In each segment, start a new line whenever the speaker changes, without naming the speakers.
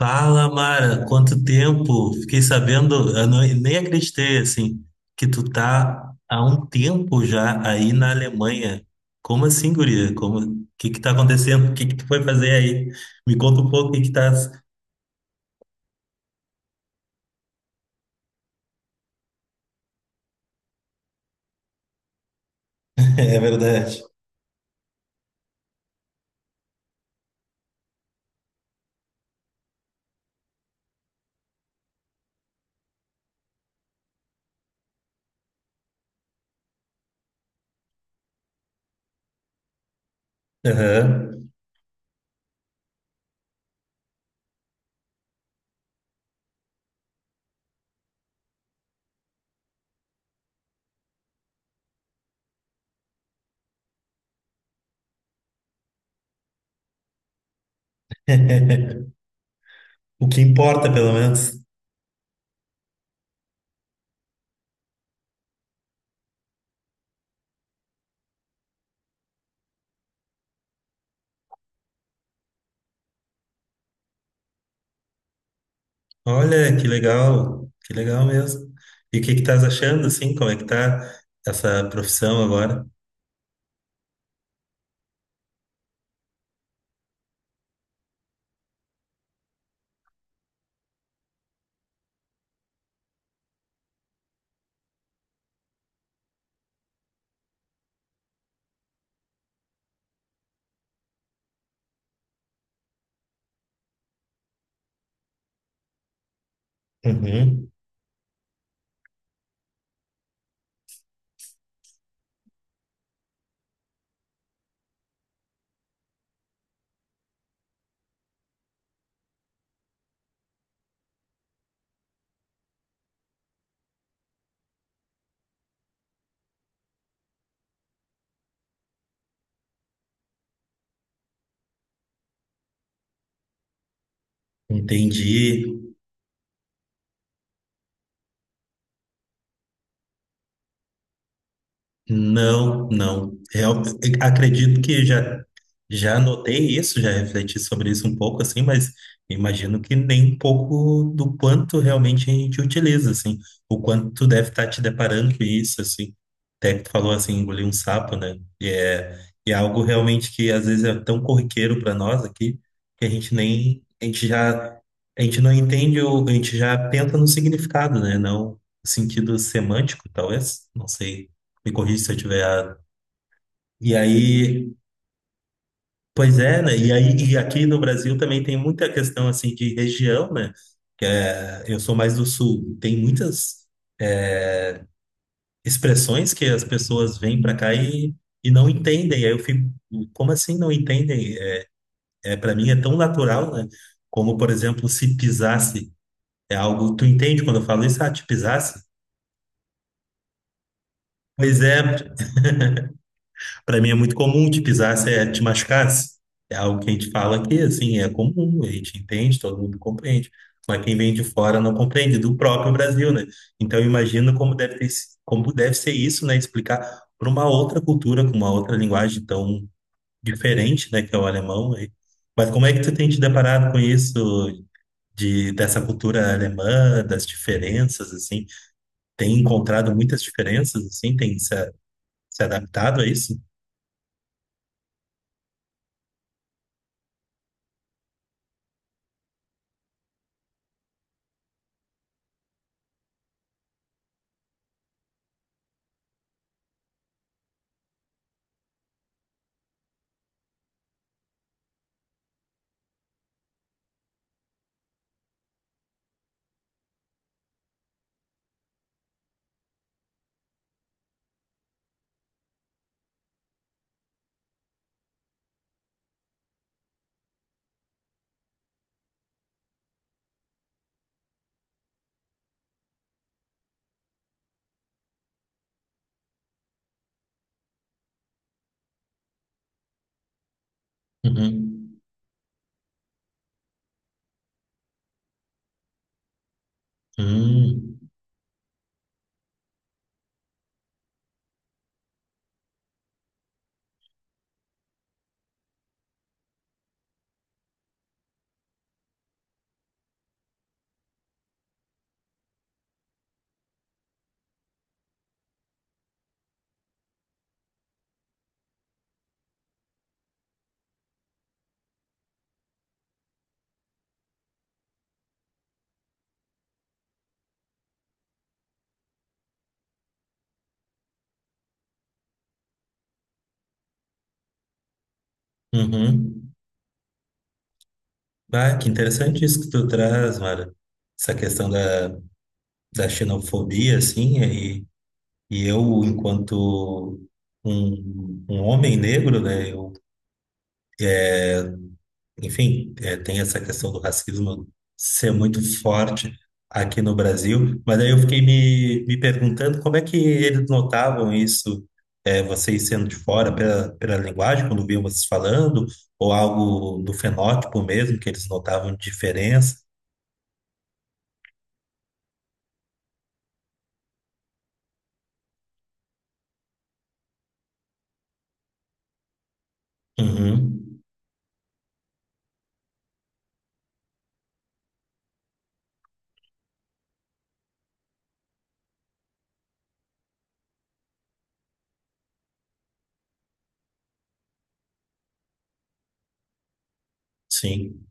Fala, Mara, quanto tempo? Fiquei sabendo, eu não- nem acreditei, assim, que tu tá há um tempo já aí na Alemanha. Como assim, guria? O que que tá acontecendo? O que que tu foi fazer aí? Me conta um pouco o que que tá. É verdade. Aham. O que importa, pelo menos. Olha, que legal mesmo. E o que que estás achando, assim, como é que tá essa profissão agora? Uhum. Entendi. Não, não. Eu acredito que já notei isso, já refleti sobre isso um pouco assim, mas imagino que nem um pouco do quanto realmente a gente utiliza assim, o quanto tu deve estar te deparando com isso assim. Até que tu falou assim, engolir um sapo, né? E é algo realmente que às vezes é tão corriqueiro para nós aqui que a gente não entende ou a gente já pensa no significado, né? Não no sentido semântico, talvez, não sei, me corrija se eu estiver errado. E aí, pois é, né? E aí, e aqui no Brasil também tem muita questão assim de região, né? Que é, eu sou mais do sul. Tem muitas expressões que as pessoas vêm para cá e não entendem. Aí eu fico, como assim não entendem? É, é para mim é tão natural, né? Como, por exemplo, se pisasse. É algo, tu entende quando eu falo isso? Ah, te pisasse? Pois é. Para mim é muito comum te pisasse, é, te machucasse. É algo que a gente fala que, assim, é comum, a gente entende, todo mundo compreende. Mas quem vem de fora não compreende, do próprio Brasil, né? Então eu imagino como deve ter, se- como deve ser isso, né? Explicar para uma outra cultura, com uma outra linguagem tão diferente, né? Que é o alemão, né? Mas como é que tu tem te deparado com isso, de, dessa cultura alemã, das diferenças, assim? Tem encontrado muitas diferenças, assim? Tem se adaptado a isso? Uhum. Hum, uhum. Ah, que interessante isso que tu traz, Mara. Essa questão da xenofobia, assim, e eu, enquanto um homem negro, né. eu Enfim, é, tem essa questão do racismo ser muito forte aqui no Brasil, mas aí eu fiquei me perguntando como é que eles notavam isso, é, vocês sendo de fora, pela linguagem, quando viam vocês falando, ou algo do fenótipo mesmo, que eles notavam de diferença. Uhum, sim,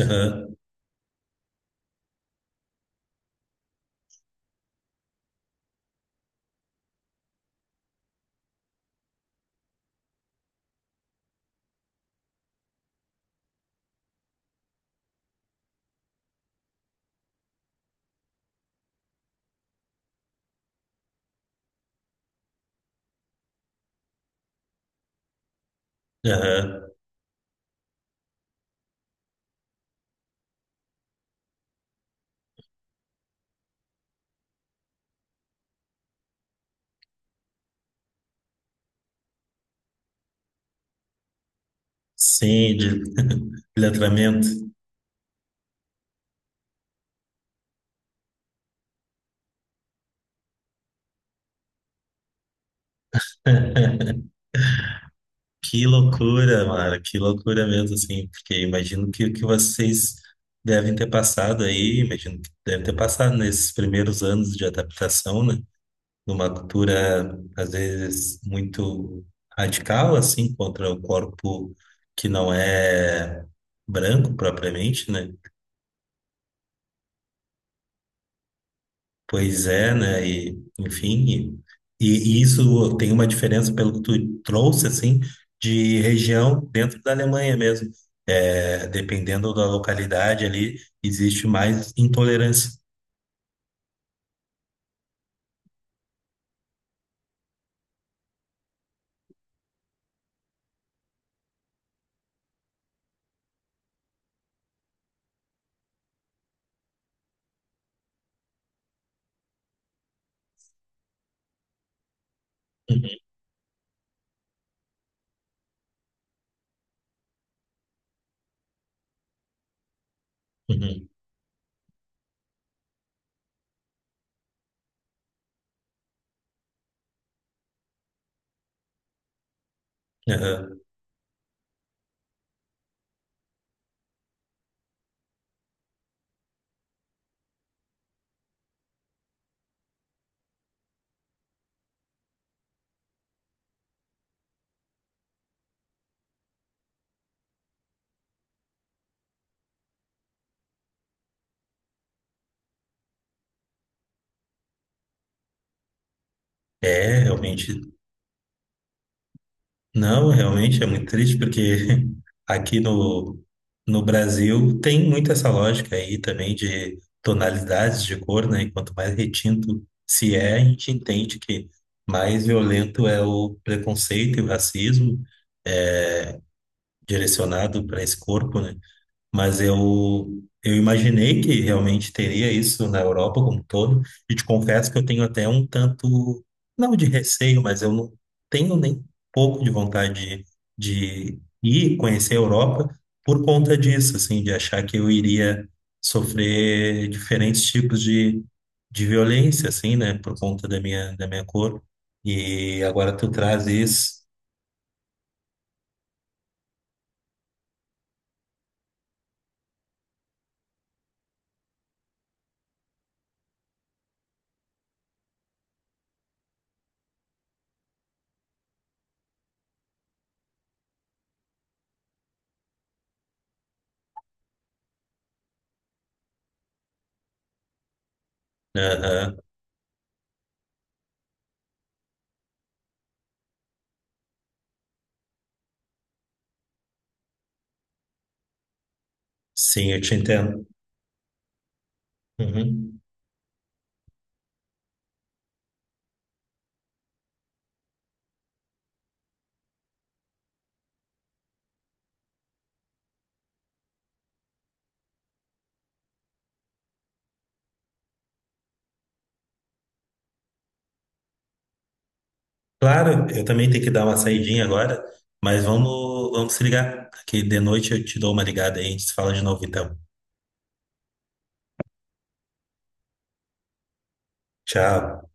aham, aham, sim, de letramento. Que loucura, mano, que loucura mesmo, assim, porque imagino que o que vocês devem ter passado aí, imagino que devem ter passado nesses primeiros anos de adaptação, né? Numa cultura, às vezes, muito radical, assim, contra o corpo que não é branco propriamente, né? Pois é, né? E, enfim, e isso tem uma diferença pelo que tu trouxe, assim, de região dentro da Alemanha mesmo. É, dependendo da localidade ali, existe mais intolerância. Uhum, uhum. Aham. É, realmente. Não, realmente é muito triste porque aqui no Brasil tem muito essa lógica aí também de tonalidades de cor, né? E quanto mais retinto se é, a gente entende que mais violento é o preconceito e o racismo, eh, direcionado para esse corpo, né? Mas eu imaginei que realmente teria isso na Europa como um todo, e te confesso que eu tenho até um tanto, não de receio, mas eu não tenho nem pouco de vontade de ir conhecer a Europa por conta disso, assim, de achar que eu iria sofrer diferentes tipos de violência, assim, né, por conta da minha cor. E agora tu traz isso. Aham. Sim, eu te entendo. Uhum. Claro, eu também tenho que dar uma saidinha agora, mas vamos se ligar, que de noite eu te dou uma ligada aí, a gente se fala de novo então. Tchau.